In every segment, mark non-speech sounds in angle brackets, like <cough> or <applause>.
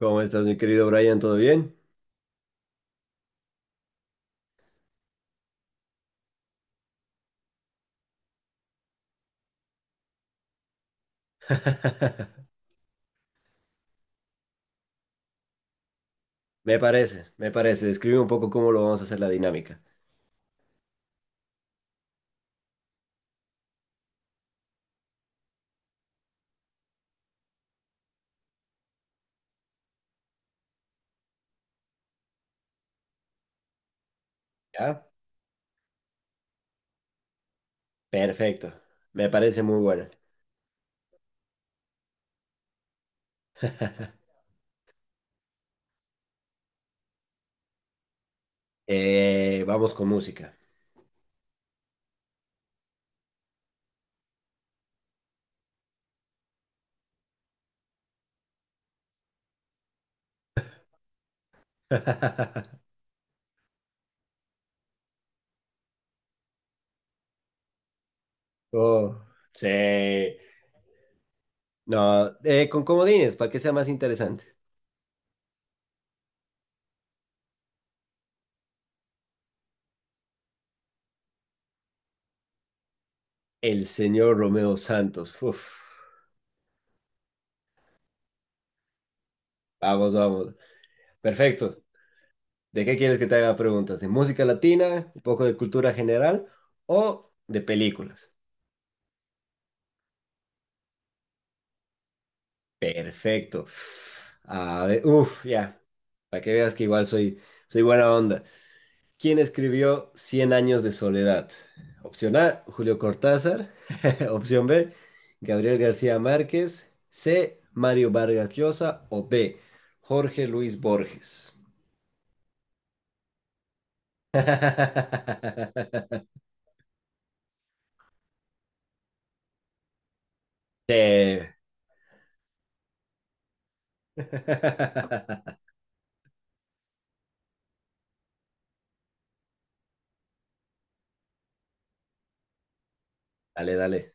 ¿Cómo estás, mi querido Brian? ¿Todo bien? <laughs> Me parece, me parece. Describe un poco cómo lo vamos a hacer la dinámica. ¿Ya? Perfecto. Me parece muy buena. <laughs> Vamos con música. <laughs> Oh, sí. No, con comodines, para que sea más interesante. El señor Romeo Santos. Uf. Vamos, vamos. Perfecto. ¿De qué quieres que te haga preguntas? ¿De música latina, un poco de cultura general o de películas? Perfecto. A ver, uff, ya. Para que veas que igual soy buena onda. ¿Quién escribió Cien años de soledad? Opción A, Julio Cortázar. <laughs> Opción B, Gabriel García Márquez. C, Mario Vargas Llosa. O D, Jorge Luis Borges. <laughs> Sí. <laughs> Dale, dale.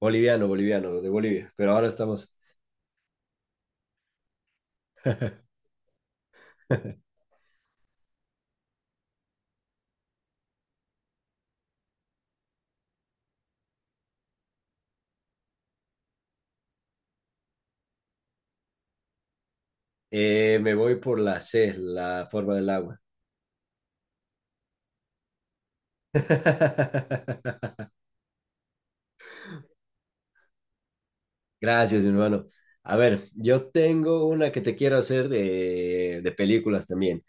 Boliviano, boliviano, de Bolivia. Pero ahora estamos. <laughs> Me voy por la C, la forma del agua. <laughs> Gracias, mi hermano. A ver, yo tengo una que te quiero hacer de películas también.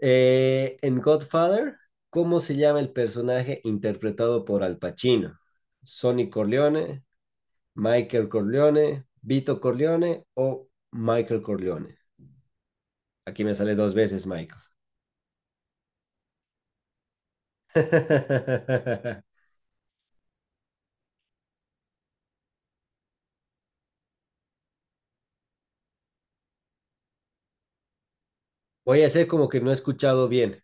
En Godfather, ¿cómo se llama el personaje interpretado por Al Pacino? ¿Sonny Corleone, Michael Corleone, Vito Corleone o Michael Corleone? Aquí me sale dos veces Michael. <laughs> Voy a hacer como que no he escuchado bien.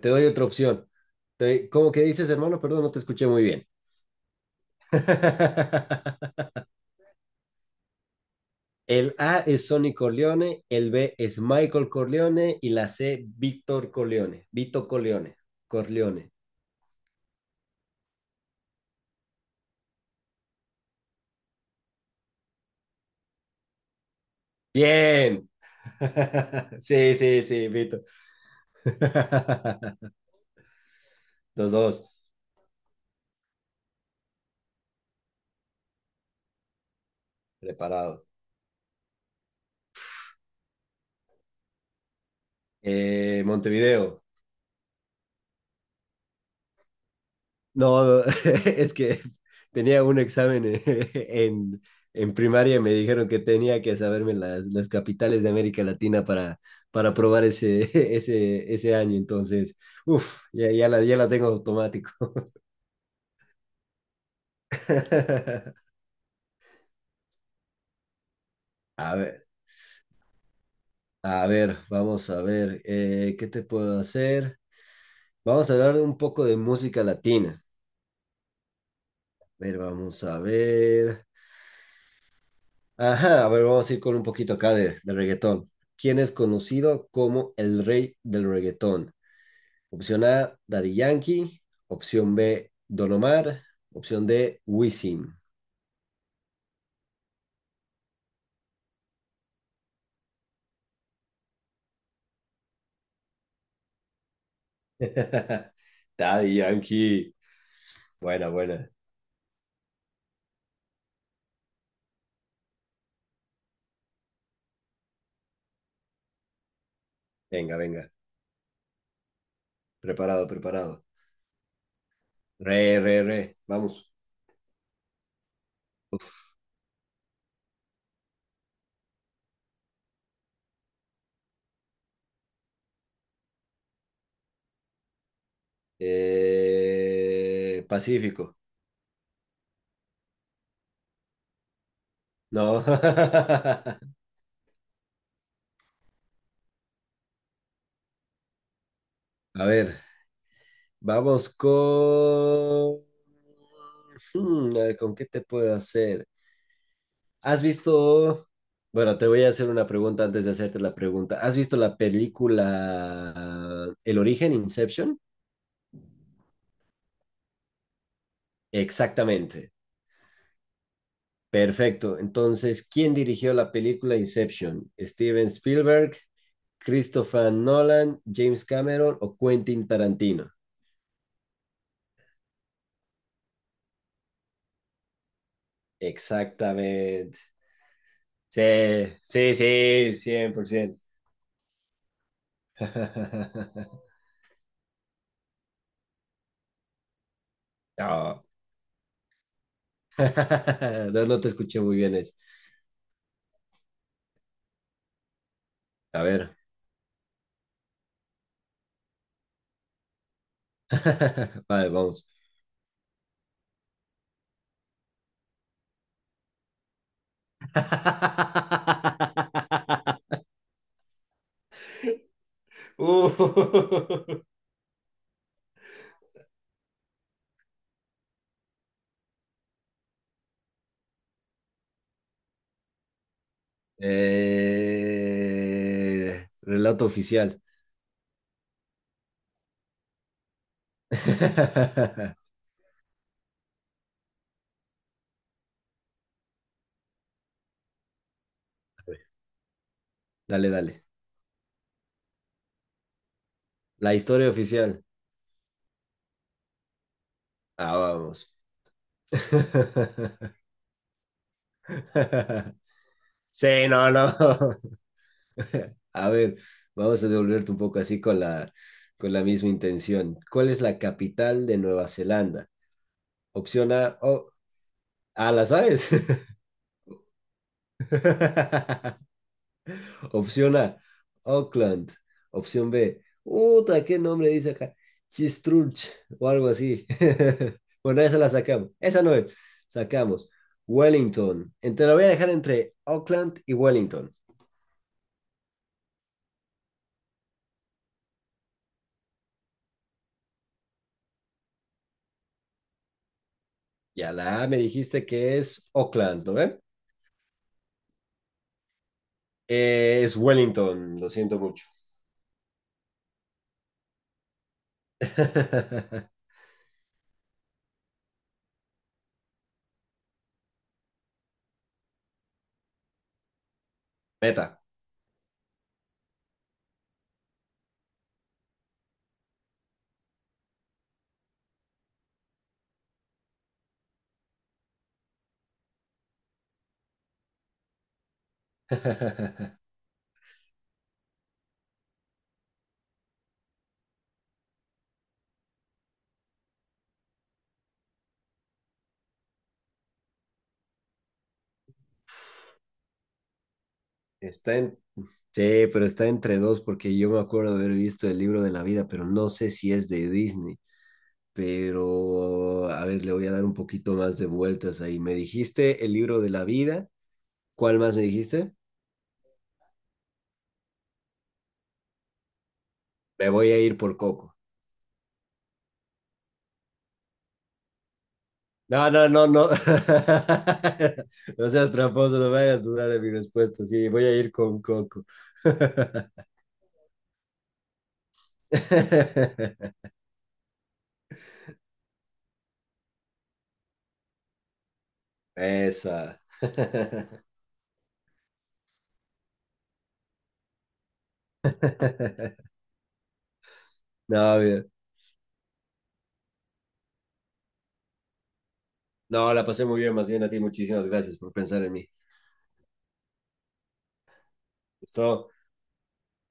Te doy otra opción. ¿Cómo que dices, hermano? Perdón, no te escuché muy bien. <laughs> El A es Sonny Corleone, el B es Michael Corleone y la C, Víctor Corleone. Vito Corleone. Corleone. Bien. <laughs> Sí, sí, sí, Vito. <laughs> Los dos, preparado. Montevideo. No, <laughs> es que tenía un examen <laughs> en primaria y me dijeron que tenía que saberme las capitales de América Latina para aprobar ese, <laughs> ese año. Entonces, uff, ya, ya la, ya la tengo automático. <laughs> A ver, a ver, vamos a ver, ¿qué te puedo hacer? Vamos a hablar de un poco de música latina. A ver, vamos a ver. Ajá, a ver, vamos a ir con un poquito acá de reggaetón. ¿Quién es conocido como el rey del reggaetón? Opción A, Daddy Yankee. Opción B, Don Omar. Opción D, Wisin. <laughs> Daddy Yankee. Buena, buena. Venga, venga. Preparado, preparado. Re, re, re. Vamos. Pacífico. No. <laughs> A ver. Vamos con... a ver, ¿con qué te puedo hacer? ¿Has visto... Bueno, te voy a hacer una pregunta antes de hacerte la pregunta. ¿Has visto la película El origen, Inception? Exactamente. Perfecto. Entonces, ¿quién dirigió la película Inception? ¿Steven Spielberg, Christopher Nolan, James Cameron o Quentin Tarantino? Exactamente. Sí, sí, sí, 100%. <laughs> No. <laughs> No, no te escuché muy bien eso. A ver. <laughs> Vale, vamos. <laughs> Uh. Relato oficial. <laughs> Dale, dale. La historia oficial. Ah, vamos. <laughs> Sí, no, no. <laughs> A ver, vamos a devolverte un poco así con la misma intención. ¿Cuál es la capital de Nueva Zelanda? Opción A, oh, ah, ¿la sabes? <laughs> Opción A, Auckland. Opción B, puta, ¿qué nombre dice acá? Christchurch o algo así. <laughs> Bueno, esa la sacamos. Esa no es. Sacamos Wellington. Te la voy a dejar entre Auckland y Wellington. Ya la A me dijiste que es Auckland, ¿no ve? Es Wellington, lo siento mucho. <laughs> Meta. <laughs> Está en Sí, pero está entre dos porque yo me acuerdo haber visto el libro de la vida, pero no sé si es de Disney. Pero, a ver, le voy a dar un poquito más de vueltas ahí. Me dijiste el libro de la vida. ¿Cuál más me dijiste? Me voy a ir por Coco. No, no, no, no. <laughs> No seas tramposo, no me hagas dudar de mi respuesta. Sí, voy a ir con Coco. <laughs> Esa. <laughs> No, bien. No, la pasé muy bien, más bien a ti. Muchísimas gracias por pensar en mí. ¿Listo?